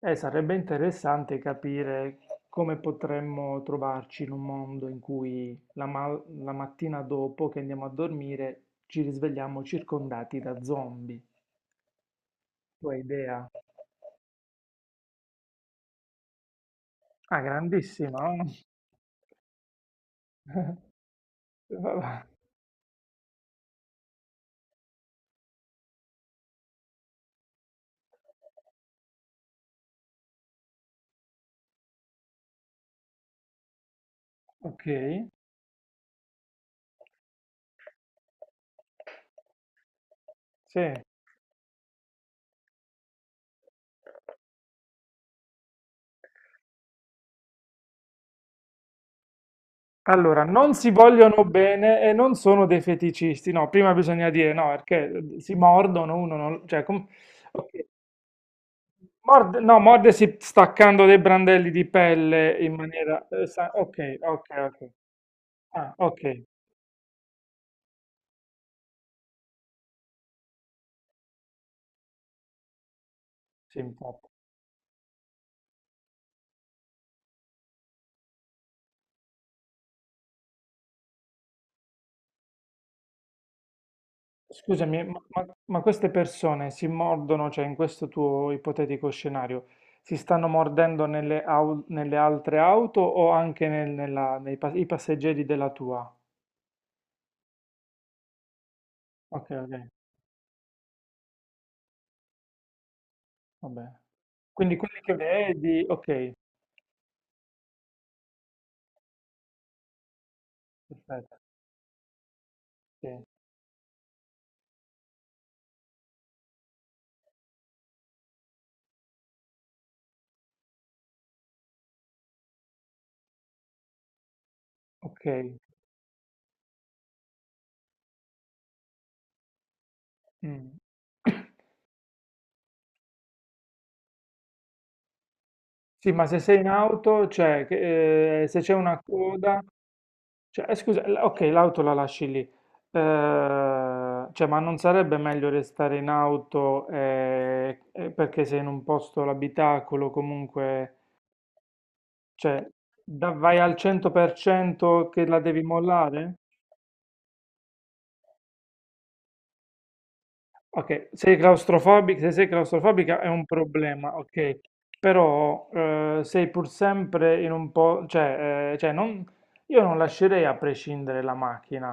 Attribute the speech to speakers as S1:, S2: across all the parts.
S1: Sarebbe interessante capire come potremmo trovarci in un mondo in cui la mattina dopo che andiamo a dormire ci risvegliamo circondati da zombie. Tua idea? Ah, grandissima. Oh. Vabbè, ok, sì. Allora, non si vogliono bene e non sono dei feticisti. No, prima bisogna dire no, perché si mordono uno non... Cioè, ok. Morde, no, mordersi staccando dei brandelli di pelle in maniera... ok, ok, ok. Ah, ok, sì, infatti. Scusami, ma queste persone si mordono, cioè in questo tuo ipotetico scenario, si stanno mordendo nelle altre auto o anche i passeggeri della tua? Ok, ok, va bene. Quindi quelli che vedi, ok, perfetto, sì, ok. Mm. Sì, ma se sei in auto, cioè, se c'è una coda, cioè, scusa, ok, l'auto la lasci lì. Cioè, ma non sarebbe meglio restare in auto, perché sei in un posto, l'abitacolo, comunque, cioè, vai al 100% che la devi mollare? Ok, se claustrofobica, se sei claustrofobica è un problema, ok, però sei pur sempre in un po', cioè, io non lascerei a prescindere la macchina.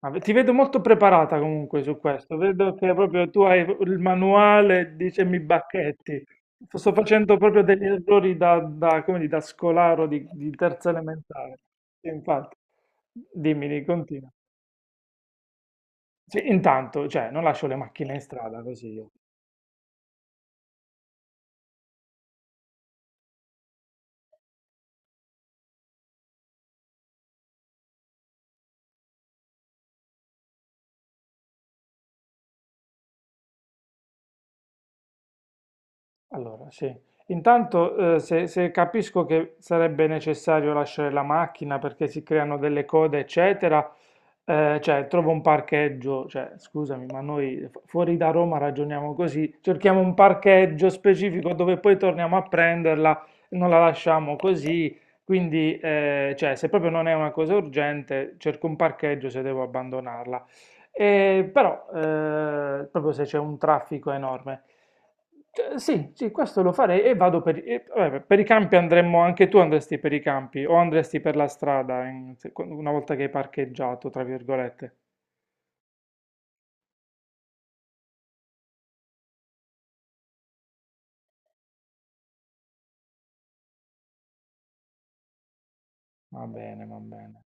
S1: Ma ti vedo molto preparata comunque su questo, vedo che proprio tu hai il manuale, dice mi bacchetti. Sto facendo proprio degli errori come dire, da scolaro di terza elementare. Sì, infatti, dimmi, continua. Sì, intanto, cioè, non lascio le macchine in strada così io. Allora, sì. Intanto, se capisco che sarebbe necessario lasciare la macchina perché si creano delle code, eccetera, cioè trovo un parcheggio, cioè scusami, ma noi fuori da Roma ragioniamo così, cerchiamo un parcheggio specifico dove poi torniamo a prenderla, non la lasciamo così, quindi cioè, se proprio non è una cosa urgente, cerco un parcheggio se devo abbandonarla. Però proprio se c'è un traffico enorme. Sì, sì, questo lo farei e vado per, vabbè, per i campi andremmo, anche tu andresti per i campi o andresti per la strada una volta che hai parcheggiato, tra virgolette. Va bene, va bene.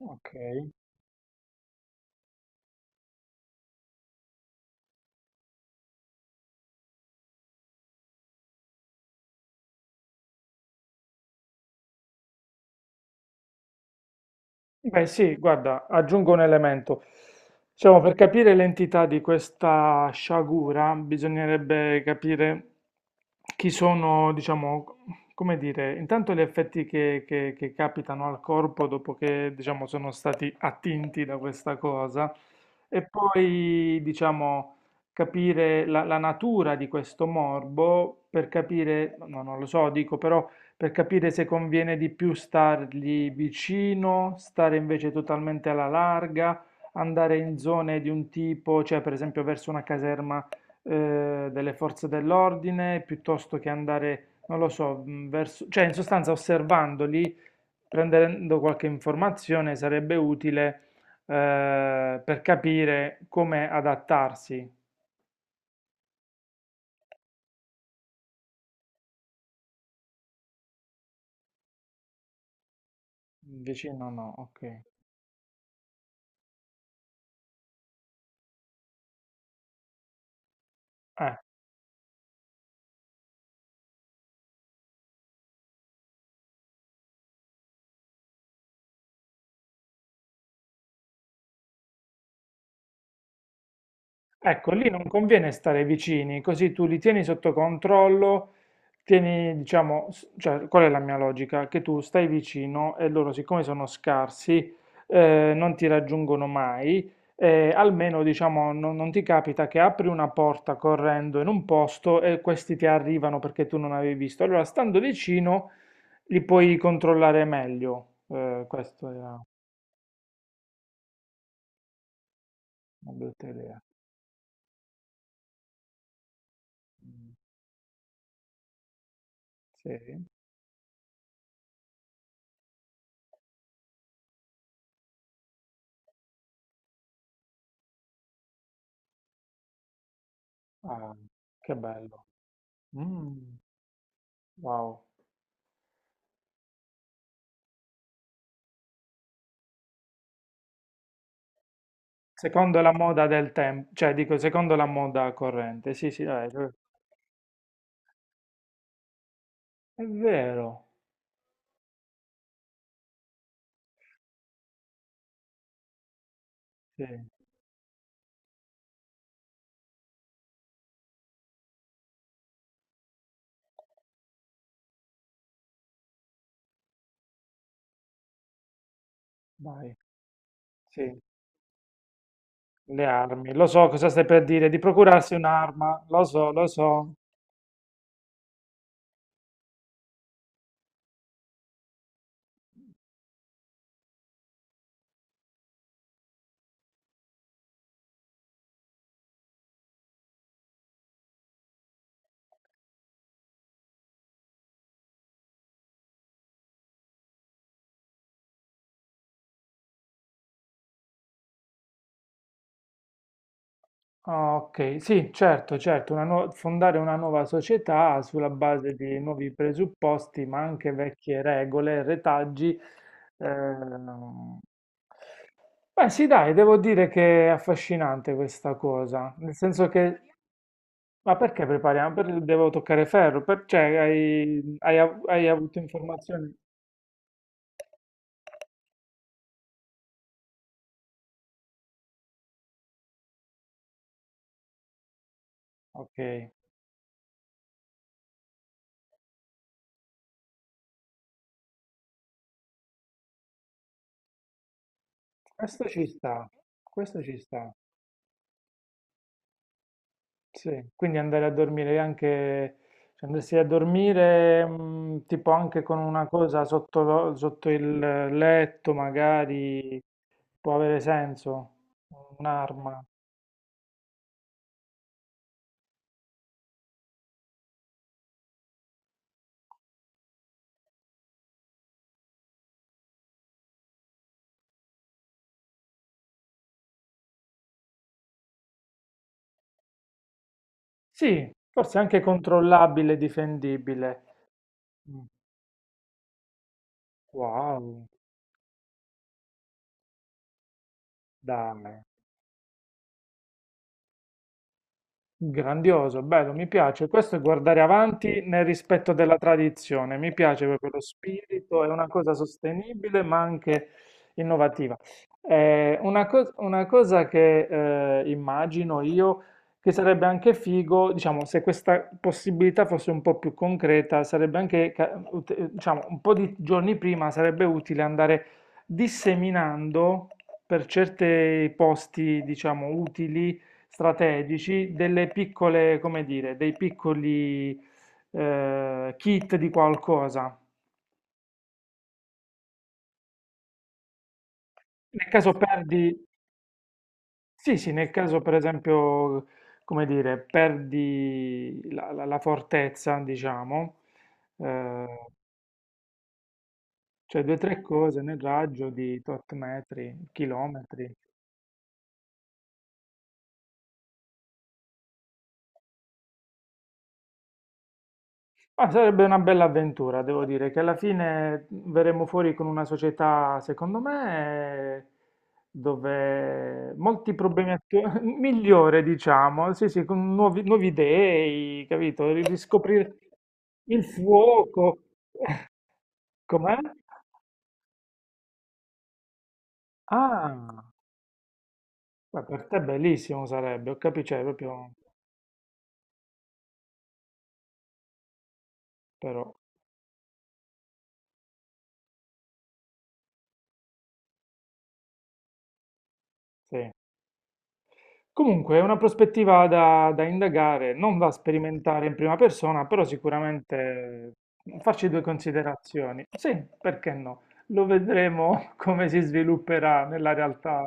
S1: Ok. Beh, sì, guarda, aggiungo un elemento. Diciamo, per capire l'entità di questa sciagura bisognerebbe capire chi sono, diciamo, come dire, intanto gli effetti che capitano al corpo dopo che, diciamo, sono stati attinti da questa cosa e poi, diciamo, capire la natura di questo morbo per capire, no, non lo so, dico però per capire se conviene di più stargli vicino, stare invece totalmente alla larga, andare in zone di un tipo, cioè per esempio verso una caserma delle forze dell'ordine, piuttosto che andare, non lo so, verso, cioè in sostanza osservandoli, prendendo qualche informazione sarebbe utile per capire come adattarsi. Vicino no, ok. Eh. Ecco, lì non conviene stare vicini, così tu li tieni sotto controllo, tieni, diciamo, cioè, qual è la mia logica? Che tu stai vicino e loro, siccome sono scarsi, non ti raggiungono mai, almeno, diciamo, non ti capita che apri una porta correndo in un posto e questi ti arrivano perché tu non avevi visto. Allora, stando vicino, li puoi controllare meglio. Questa era una brutta idea. Mm. Sì. Ah, che bello. Mm, wow. Secondo la moda del tempo, cioè dico secondo la moda corrente, sì, sì, dai, è vero. Sì, vai, sì, le armi, lo so cosa stai per dire, di procurarsi un'arma, lo so, lo so. Ah, ok, sì, certo, certo, fondare una nuova società sulla base di nuovi presupposti, ma anche vecchie regole, retaggi. ehm, Beh, sì, dai, devo dire che è affascinante questa cosa, nel senso che. Ma perché prepariamo? Devo toccare ferro? Cioè, hai avuto informazioni? Ok, questo ci sta, questo ci sta, sì. Quindi andare a dormire anche, cioè andresti a dormire tipo anche con una cosa sotto, sotto il letto, magari può avere senso, un'arma. Sì, forse anche controllabile, difendibile. Mm, wow, dai. Grandioso, bello, mi piace. Questo è guardare avanti nel rispetto della tradizione. Mi piace proprio lo spirito, è una cosa sostenibile ma anche innovativa. Una cosa che immagino io che sarebbe anche figo, diciamo, se questa possibilità fosse un po' più concreta, sarebbe anche, diciamo, un po' di giorni prima sarebbe utile andare disseminando per certi posti, diciamo, utili strategici, delle piccole, come dire, dei piccoli kit di qualcosa. Nel caso perdi, sì, sì, nel caso per esempio, come dire, perdi la fortezza, diciamo, eh, cioè due o tre cose nel raggio di tot metri, chilometri. Ma sarebbe una bella avventura, devo dire, che alla fine verremo fuori con una società, secondo me, dove molti problemi attuali, migliore, diciamo, sì, sì, con nuovi dei, capito? Riscoprire il fuoco, com'è? Ah, beh, per te bellissimo sarebbe, ho capito, cioè, proprio, però, sì. Comunque è una prospettiva da indagare, non da sperimentare in prima persona, però sicuramente farci due considerazioni. Sì, perché no? Lo vedremo come si svilupperà nella realtà.